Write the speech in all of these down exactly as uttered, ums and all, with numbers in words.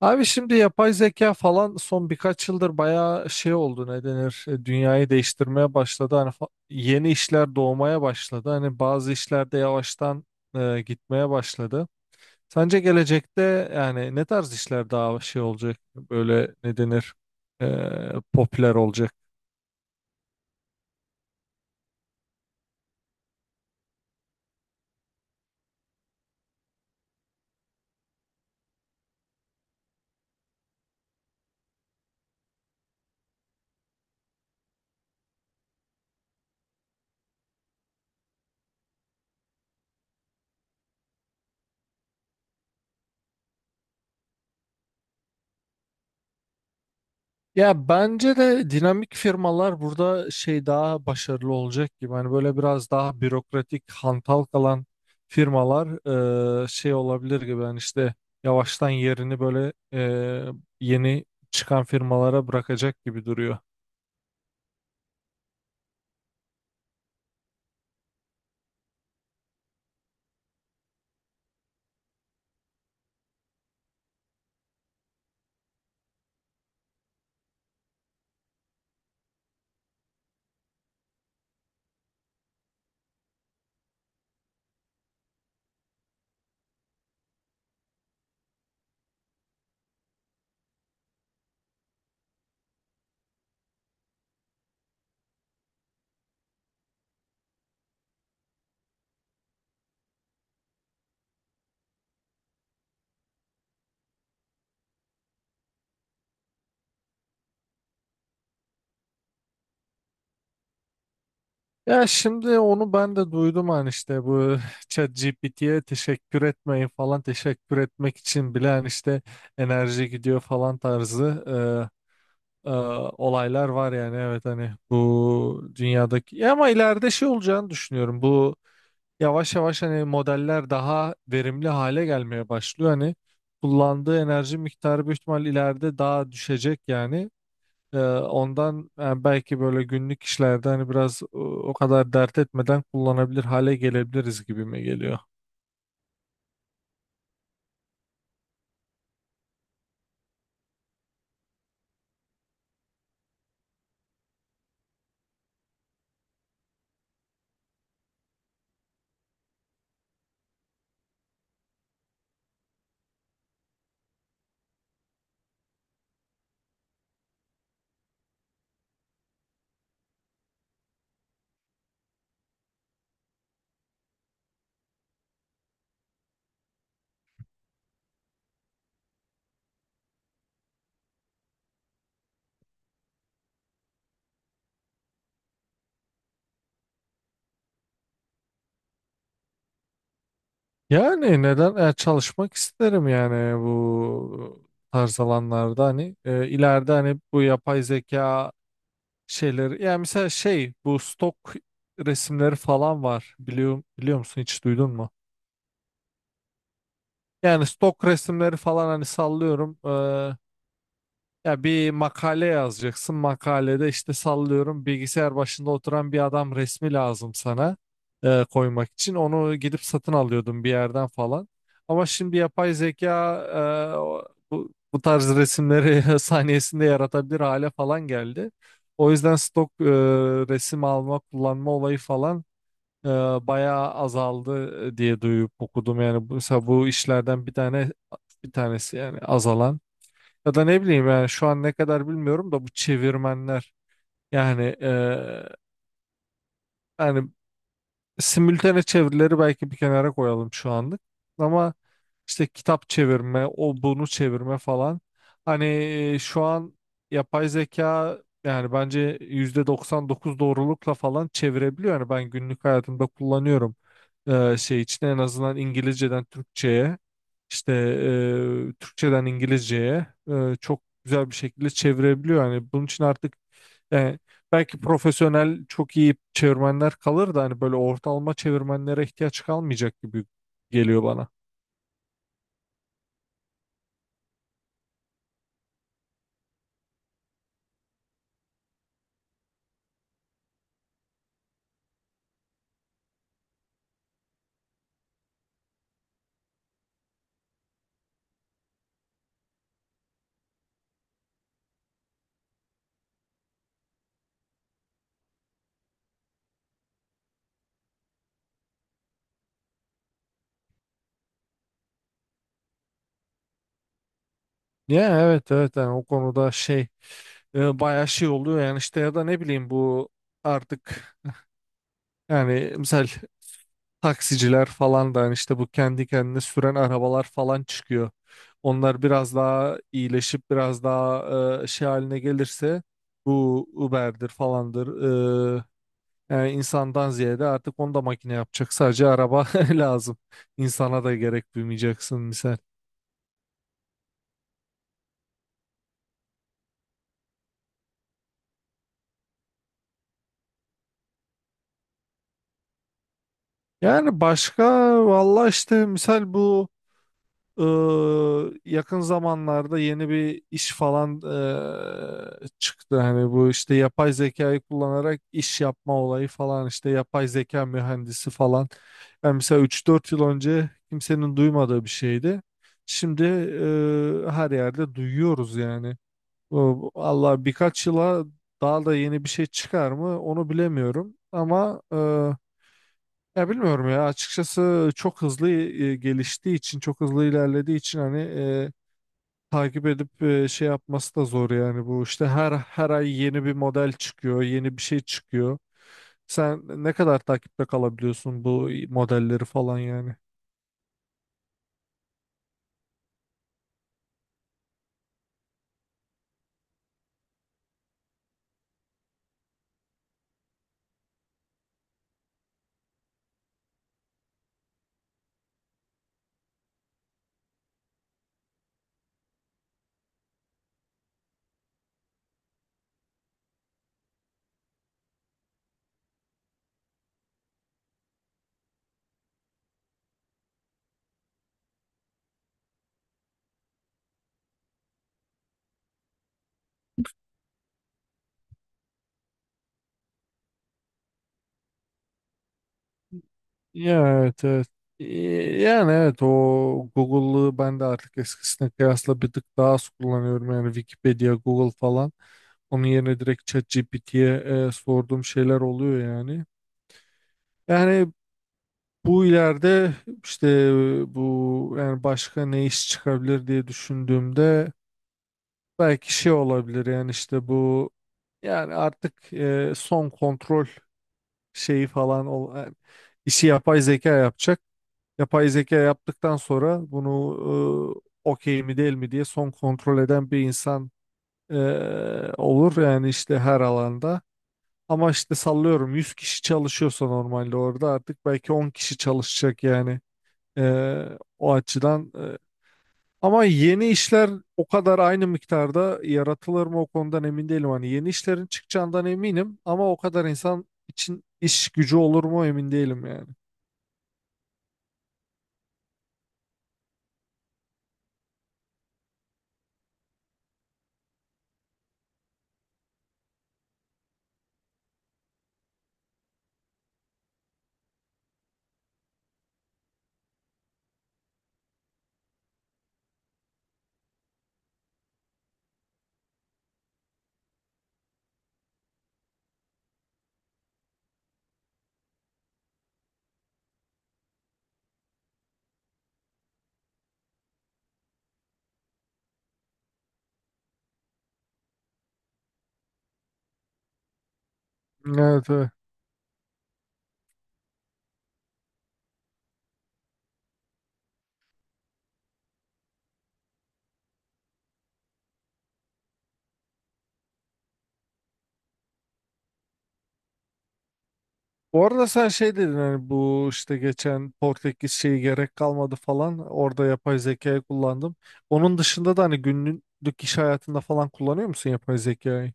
Abi şimdi yapay zeka falan son birkaç yıldır bayağı şey oldu, ne denir, e, dünyayı değiştirmeye başladı. Hani fa- yeni işler doğmaya başladı. Hani bazı işlerde yavaştan e, gitmeye başladı. Sence gelecekte yani ne tarz işler daha şey olacak, böyle ne denir, e, popüler olacak? Ya bence de dinamik firmalar burada şey daha başarılı olacak gibi. Hani böyle biraz daha bürokratik, hantal kalan firmalar e, şey olabilir gibi. Yani işte yavaştan yerini böyle e, yeni çıkan firmalara bırakacak gibi duruyor. Ya şimdi onu ben de duydum, hani işte bu ChatGPT'ye teşekkür etmeyin falan, teşekkür etmek için bile hani işte enerji gidiyor falan tarzı e, olaylar var yani. Evet, hani bu dünyadaki. Ya ama ileride şey olacağını düşünüyorum, bu yavaş yavaş hani modeller daha verimli hale gelmeye başlıyor, hani kullandığı enerji miktarı büyük ihtimal ileride daha düşecek yani. E, ondan yani belki böyle günlük işlerde hani biraz, e, o kadar dert etmeden kullanabilir hale gelebiliriz gibime geliyor. Yani neden e, çalışmak isterim yani, bu tarz alanlarda hani, e, ileride hani bu yapay zeka şeyleri. Yani mesela şey, bu stok resimleri falan var, biliyor biliyor musun, hiç duydun mu? Yani stok resimleri falan, hani sallıyorum. E, Ya bir makale yazacaksın. Makalede işte sallıyorum bilgisayar başında oturan bir adam resmi lazım sana e, koymak için. Onu gidip satın alıyordum bir yerden falan. Ama şimdi yapay zeka e, o- bu, bu tarz resimleri saniyesinde yaratabilir hale falan geldi. O yüzden stok e, resim alma, kullanma olayı falan e, bayağı azaldı, e, diye duyup okudum. Yani bu- mesela bu işlerden bir tane, bir tanesi yani azalan. Ya da ne bileyim, yani şu an ne kadar bilmiyorum da bu çevirmenler yani, eee, hani simültane çevirileri belki bir kenara koyalım şu anlık. Ama işte kitap çevirme, o bunu çevirme falan. Hani e, şu an yapay zeka yani bence yüzde doksan dokuz doğrulukla falan çevirebiliyor. Yani ben günlük hayatımda kullanıyorum e, şey için, en azından İngilizceden Türkçe'ye, işte e, Türkçeden İngilizceye e, çok güzel bir şekilde çevirebiliyor. Yani bunun için artık, e, belki profesyonel çok iyi çevirmenler kalır da hani böyle ortalama çevirmenlere ihtiyaç kalmayacak gibi geliyor bana. Ya evet, evet, yani o konuda şey, e, bayağı şey oluyor yani işte. Ya da ne bileyim, bu artık yani misal taksiciler falan da, hani işte bu kendi kendine süren arabalar falan çıkıyor. Onlar biraz daha iyileşip biraz daha e, şey haline gelirse bu Uber'dir falandır, e, yani insandan ziyade artık onu da makine yapacak. Sadece araba lazım. İnsana da gerek duymayacaksın misal. Yani başka, valla işte misal bu ıı, yakın zamanlarda yeni bir iş falan ıı, çıktı. Hani bu işte yapay zekayı kullanarak iş yapma olayı falan, işte yapay zeka mühendisi falan. Yani mesela üç dört yıl önce kimsenin duymadığı bir şeydi. Şimdi ıı, her yerde duyuyoruz yani. O- Allah birkaç yıla daha da yeni bir şey çıkar mı onu bilemiyorum ama, e, ya bilmiyorum, ya açıkçası çok hızlı e, geliştiği için, çok hızlı ilerlediği için hani, e, takip edip e, şey yapması da zor yani. Bu işte her her ay yeni bir model çıkıyor, yeni bir şey çıkıyor, sen ne kadar takipte kalabiliyorsun bu modelleri falan yani. Ya evet, evet. Ee, Yani evet, o Google'lığı ben de artık eskisine kıyasla bir tık daha az kullanıyorum. Yani Wikipedia, Google falan. Onun yerine direkt ChatGPT'ye e, sorduğum şeyler oluyor yani. Yani bu ileride işte, bu yani başka ne iş çıkabilir diye düşündüğümde belki şey olabilir yani, işte bu yani artık e, son kontrol şeyi falan ol, yani işi yapay zeka yapacak. Yapay zeka yaptıktan sonra bunu e, okey mi değil mi diye son kontrol eden bir insan e, olur yani, işte her alanda. Ama işte sallıyorum yüz kişi çalışıyorsa normalde, orada artık belki on kişi çalışacak yani. E, O açıdan. E. Ama yeni işler o kadar aynı miktarda yaratılır mı, o konudan emin değilim. Hani yeni işlerin çıkacağından eminim ama o kadar insan için iş gücü olur mu, emin değilim yani. Evet, evet. Bu arada sen şey dedin, hani bu işte geçen Portekiz şeyi, gerek kalmadı falan, orada yapay zekayı kullandım. Onun dışında da hani günlük iş hayatında falan kullanıyor musun yapay zekayı?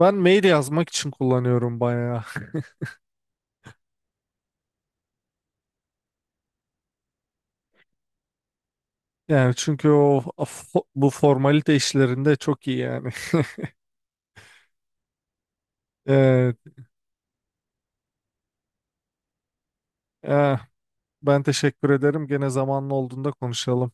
Ben mail yazmak için kullanıyorum bayağı. Yani çünkü o fo- bu formalite işlerinde çok iyi yani. Evet. Eh, Ben teşekkür ederim. Gene zamanlı olduğunda konuşalım.